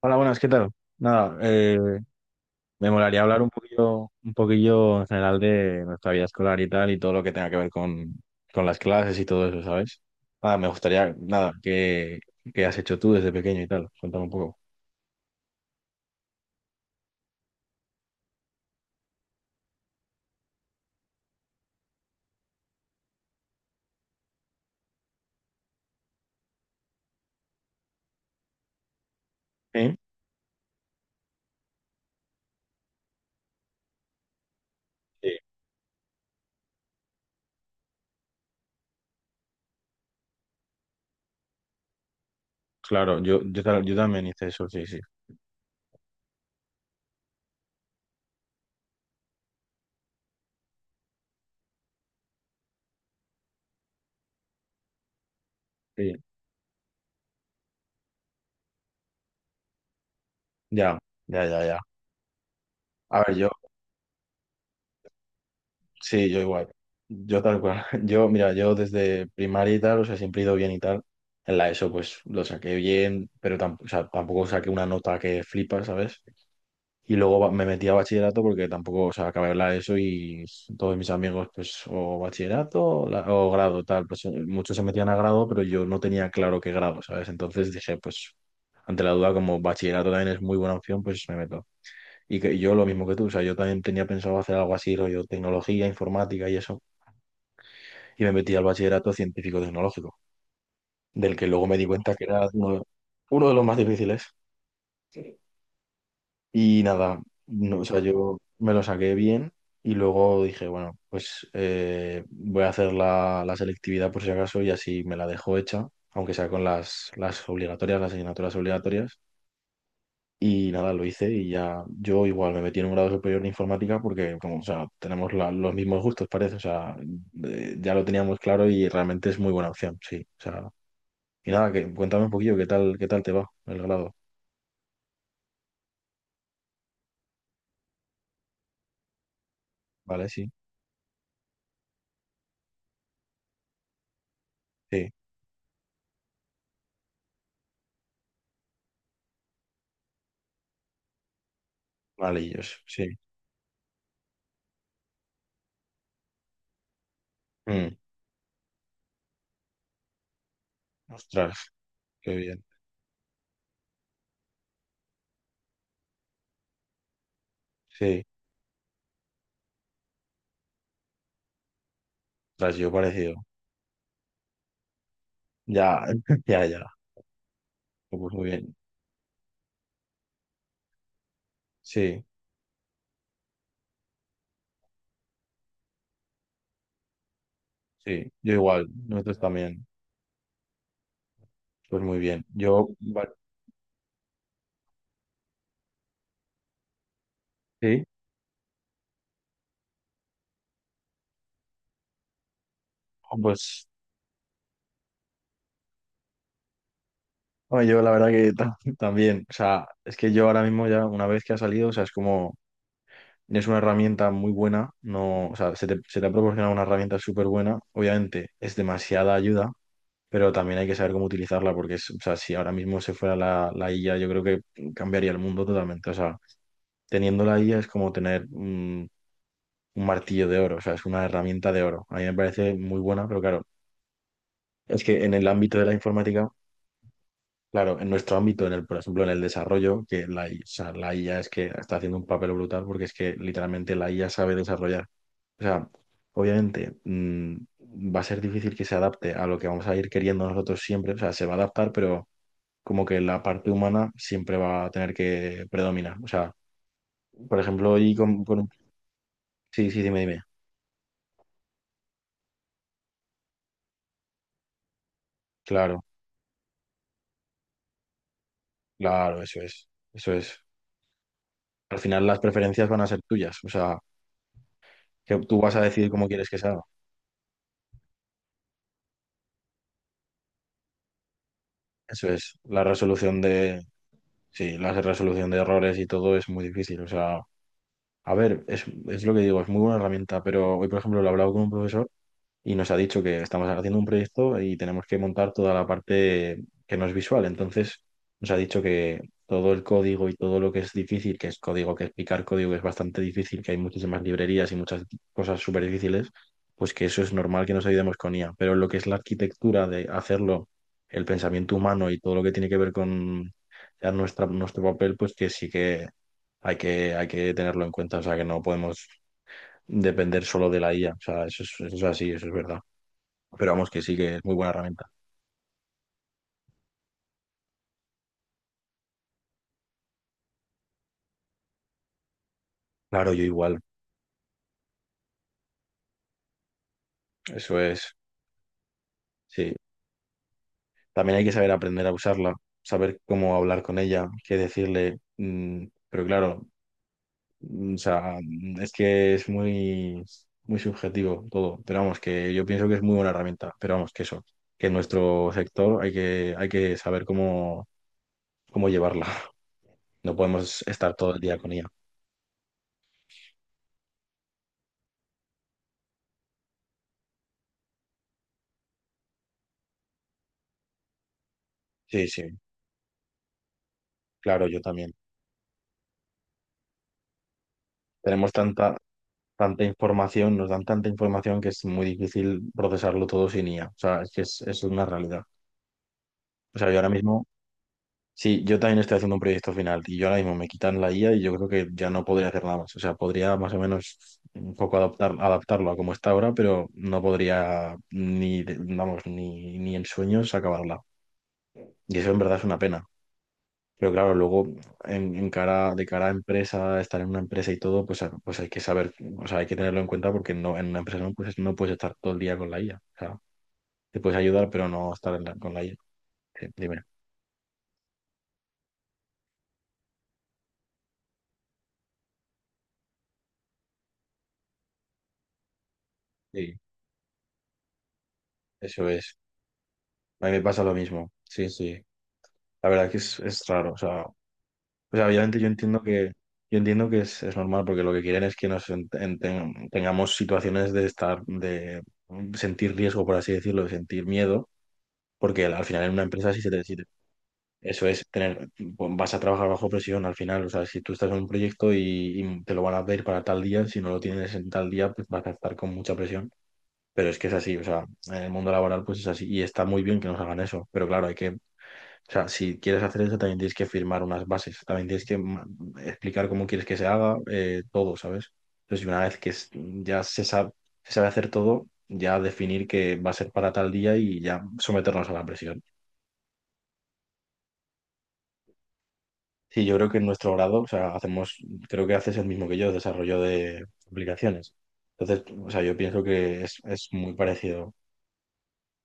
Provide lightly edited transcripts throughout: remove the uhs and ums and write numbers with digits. Hola, buenas, ¿qué tal? Nada, me molaría hablar un poquillo en general de nuestra vida escolar y tal, y todo lo que tenga que ver con las clases y todo eso, ¿sabes? Nada, me gustaría, nada, ¿qué has hecho tú desde pequeño y tal? Cuéntame un poco. ¿Sí? Sí, claro, yo también hice eso, sí, sí. Sí. Ya, ya, ya, ya. A ver, yo. Sí, yo igual. Yo tal cual. Yo, mira, yo desde primaria y tal, o sea, siempre he ido bien y tal. En la ESO, pues lo saqué bien, pero tampoco, o sea, tampoco saqué una nota que flipa, ¿sabes? Y luego me metí a bachillerato porque tampoco, o sea, acabé la ESO y todos mis amigos, pues, o bachillerato o grado, tal. Pues muchos se metían a grado, pero yo no tenía claro qué grado, ¿sabes? Entonces dije, pues, ante la duda, como bachillerato también es muy buena opción, pues me meto. Y yo lo mismo que tú, o sea, yo también tenía pensado hacer algo así, rollo tecnología, informática y eso, y me metí al bachillerato científico-tecnológico, del que luego me di cuenta que era uno de los más difíciles. Y nada, no, o sea, yo me lo saqué bien y luego dije, bueno, pues voy a hacer la selectividad por si acaso y así me la dejo hecha, aunque sea con las obligatorias, las asignaturas obligatorias. Y nada, lo hice y ya yo igual me metí en un grado superior de informática porque como, o sea, tenemos los mismos gustos, parece. O sea, ya lo teníamos claro y realmente es muy buena opción, sí. O sea, y nada, que, cuéntame un poquillo qué tal te va el grado. Vale, sí, sí, vale, yo sí. Mm. Ostras, qué bien. Sí, ostras, yo parecido. Ya, ya, ya. Pues muy bien. Sí, sí, yo igual, nosotros también. Pues muy bien. Yo, va-, sí, jo, pues no, yo la verdad que ta- también. O sea, es que yo ahora mismo ya, una vez que ha salido, o sea, es como, es una herramienta muy buena. No, o sea, se te ha proporcionado una herramienta súper buena. Obviamente, es demasiada ayuda, pero también hay que saber cómo utilizarla porque, es- o sea, si ahora mismo se fuera la IA, yo creo que cambiaría el mundo totalmente. O sea, teniendo la IA es como tener un martillo de oro, o sea, es una herramienta de oro. A mí me parece muy buena, pero claro, es que en el ámbito de la informática, claro, en nuestro ámbito, en el, por ejemplo, en el desarrollo, que o sea, la IA es que está haciendo un papel brutal porque es que literalmente la IA sabe desarrollar. O sea, obviamente... va a ser difícil que se adapte a lo que vamos a ir queriendo nosotros siempre, o sea, se va a adaptar, pero como que la parte humana siempre va a tener que predominar. O sea, por ejemplo, y sí, sí, dime. Claro, claro, eso es, eso es. Al final las preferencias van a ser tuyas, o sea, que tú vas a decidir cómo quieres que se haga. Eso es, sí, la resolución de errores y todo es muy difícil, o sea, a ver, es lo que digo, es muy buena herramienta, pero hoy, por ejemplo, lo he hablado con un profesor y nos ha dicho que estamos haciendo un proyecto y tenemos que montar toda la parte que no es visual. Entonces, nos ha dicho que todo el código y todo lo que es difícil, que es código, que explicar código es bastante difícil, que hay muchísimas librerías y muchas cosas súper difíciles, pues que eso es normal que nos ayudemos con IA. Pero lo que es la arquitectura de hacerlo, el pensamiento humano y todo lo que tiene que ver con ya nuestro papel, pues que sí que hay que tenerlo en cuenta. O sea, que no podemos depender solo de la IA. O sea, eso es así, eso es verdad. Pero vamos, que sí que es muy buena herramienta. Claro, yo igual. Eso es. Sí. También hay que saber aprender a usarla, saber cómo hablar con ella, qué decirle. Pero claro, es que es muy, muy subjetivo todo. Pero vamos, que yo pienso que es muy buena herramienta. Pero vamos, que eso, que en nuestro sector hay que saber cómo llevarla. No podemos estar todo el día con ella. Sí, sí, claro, yo también. Tenemos tanta, tanta información, nos dan tanta información que es muy difícil procesarlo todo sin IA. O sea, es que es una realidad. O sea, yo ahora mismo, sí, yo también estoy haciendo un proyecto final y yo ahora mismo me quitan la IA y yo creo que ya no podría hacer nada más. O sea, podría más o menos un poco adaptar, adaptarlo a como está ahora, pero no podría ni, de- vamos, ni en sueños acabarla. Y eso en verdad es una pena. Pero claro, luego de cara a empresa, estar en una empresa y todo, pues, a- pues hay que saber, o sea, hay que tenerlo en cuenta porque no, en una empresa no pues no puedes estar todo el día con la IA. O sea, te puedes ayudar, pero no estar en con la IA. Sí, dime. Sí, eso es. A mí me pasa lo mismo. Sí, sí. La verdad es que es raro. O sea, pues obviamente yo entiendo que es normal porque lo que quieren es que nos tengamos situaciones de estar, de sentir riesgo, por así decirlo, de sentir miedo. Porque al final en una empresa, si te. Eso es tener, pues, vas a trabajar bajo presión al final. O sea, si tú estás en un proyecto y te lo van a pedir para tal día, si no lo tienes en tal día, pues vas a estar con mucha presión. Pero es que es así, o sea, en el mundo laboral pues es así. Y está muy bien que nos hagan eso. Pero claro, hay que, o sea, si quieres hacer eso, también tienes que firmar unas bases. También tienes que ma- explicar cómo quieres que se haga, todo, ¿sabes? Entonces, una vez que es- ya se sabe hacer todo, ya definir que va a ser para tal día y ya someternos a la presión. Sí, yo creo que en nuestro grado, o sea, hacemos, creo que haces el mismo que yo, desarrollo de aplicaciones. Entonces, o sea, yo pienso que es muy parecido.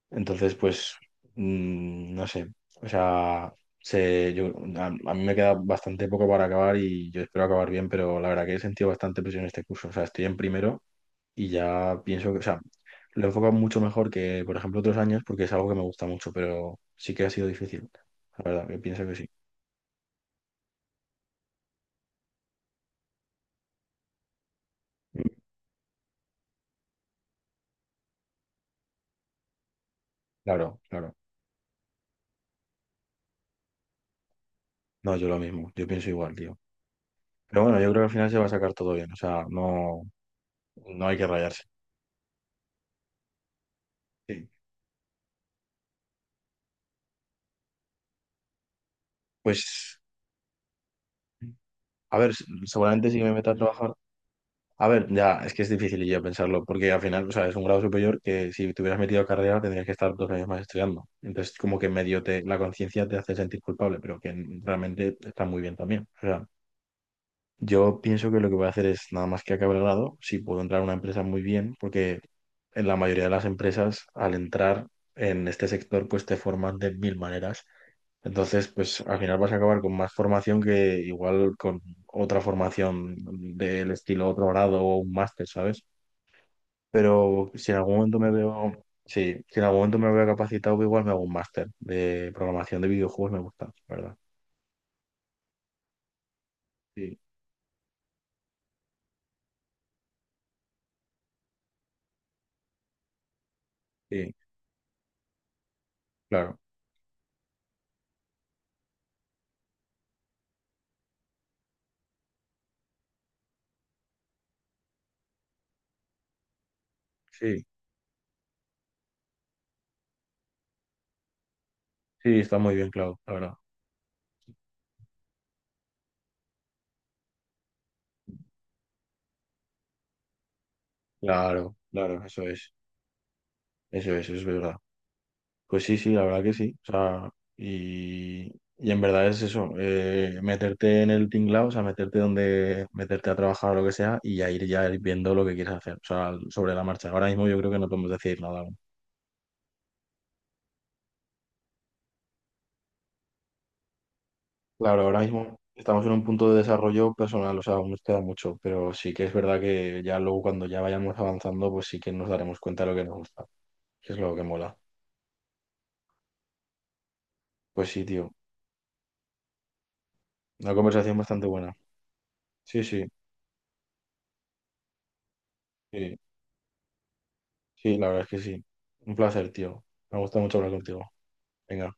Entonces, pues, no sé, o sea, se, yo, a mí me queda bastante poco para acabar y yo espero acabar bien, pero la verdad que he sentido bastante presión en este curso. O sea, estoy en primero y ya pienso que, o sea, lo he enfocado mucho mejor que, por ejemplo, otros años porque es algo que me gusta mucho, pero sí que ha sido difícil. La verdad, que pienso que sí. Claro, claro. No, yo lo mismo, yo pienso igual, tío. Pero bueno, yo creo que al final se va a sacar todo bien, o sea, no, no hay que rayarse. Sí. Pues, a ver, s- seguramente sí que me meta a trabajar. A ver, ya, es que es difícil yo pensarlo, porque al final, o sea, es un grado superior que si te hubieras metido a carrera tendrías que estar dos años más estudiando. Entonces, como que medio te, la conciencia te hace sentir culpable, pero que realmente está muy bien también. O sea, yo pienso que lo que voy a hacer es nada más que acabe el grado, si puedo entrar a una empresa muy bien, porque en la mayoría de las empresas, al entrar en este sector, pues te forman de mil maneras. Entonces, pues al final vas a acabar con más formación que igual con otra formación del estilo otro grado o un máster, ¿sabes? Pero si en algún momento me veo, sí, si en algún momento me veo capacitado, igual me hago un máster de programación de videojuegos, me gusta, la ¿verdad? Sí, sí, claro. Sí, sí, está muy bien, Clau, la verdad. Claro, claro, eso es verdad. Pues sí, sí, la verdad que sí. O sea, y, y en verdad es eso, meterte en el tinglao, o sea, meterte donde, meterte a trabajar o lo que sea, y ya ir viendo lo que quieres hacer, o sea, sobre la marcha. Ahora mismo yo creo que no podemos decir nada aún. Claro, ahora mismo estamos en un punto de desarrollo personal, o sea, aún nos queda mucho, pero sí que es verdad que ya luego cuando ya vayamos avanzando, pues sí que nos daremos cuenta de lo que nos gusta, que es lo que mola. Pues sí, tío, una conversación bastante buena. Sí, sí. Sí. Sí, la verdad es que sí. Un placer, tío. Me gusta mucho hablar contigo. Venga.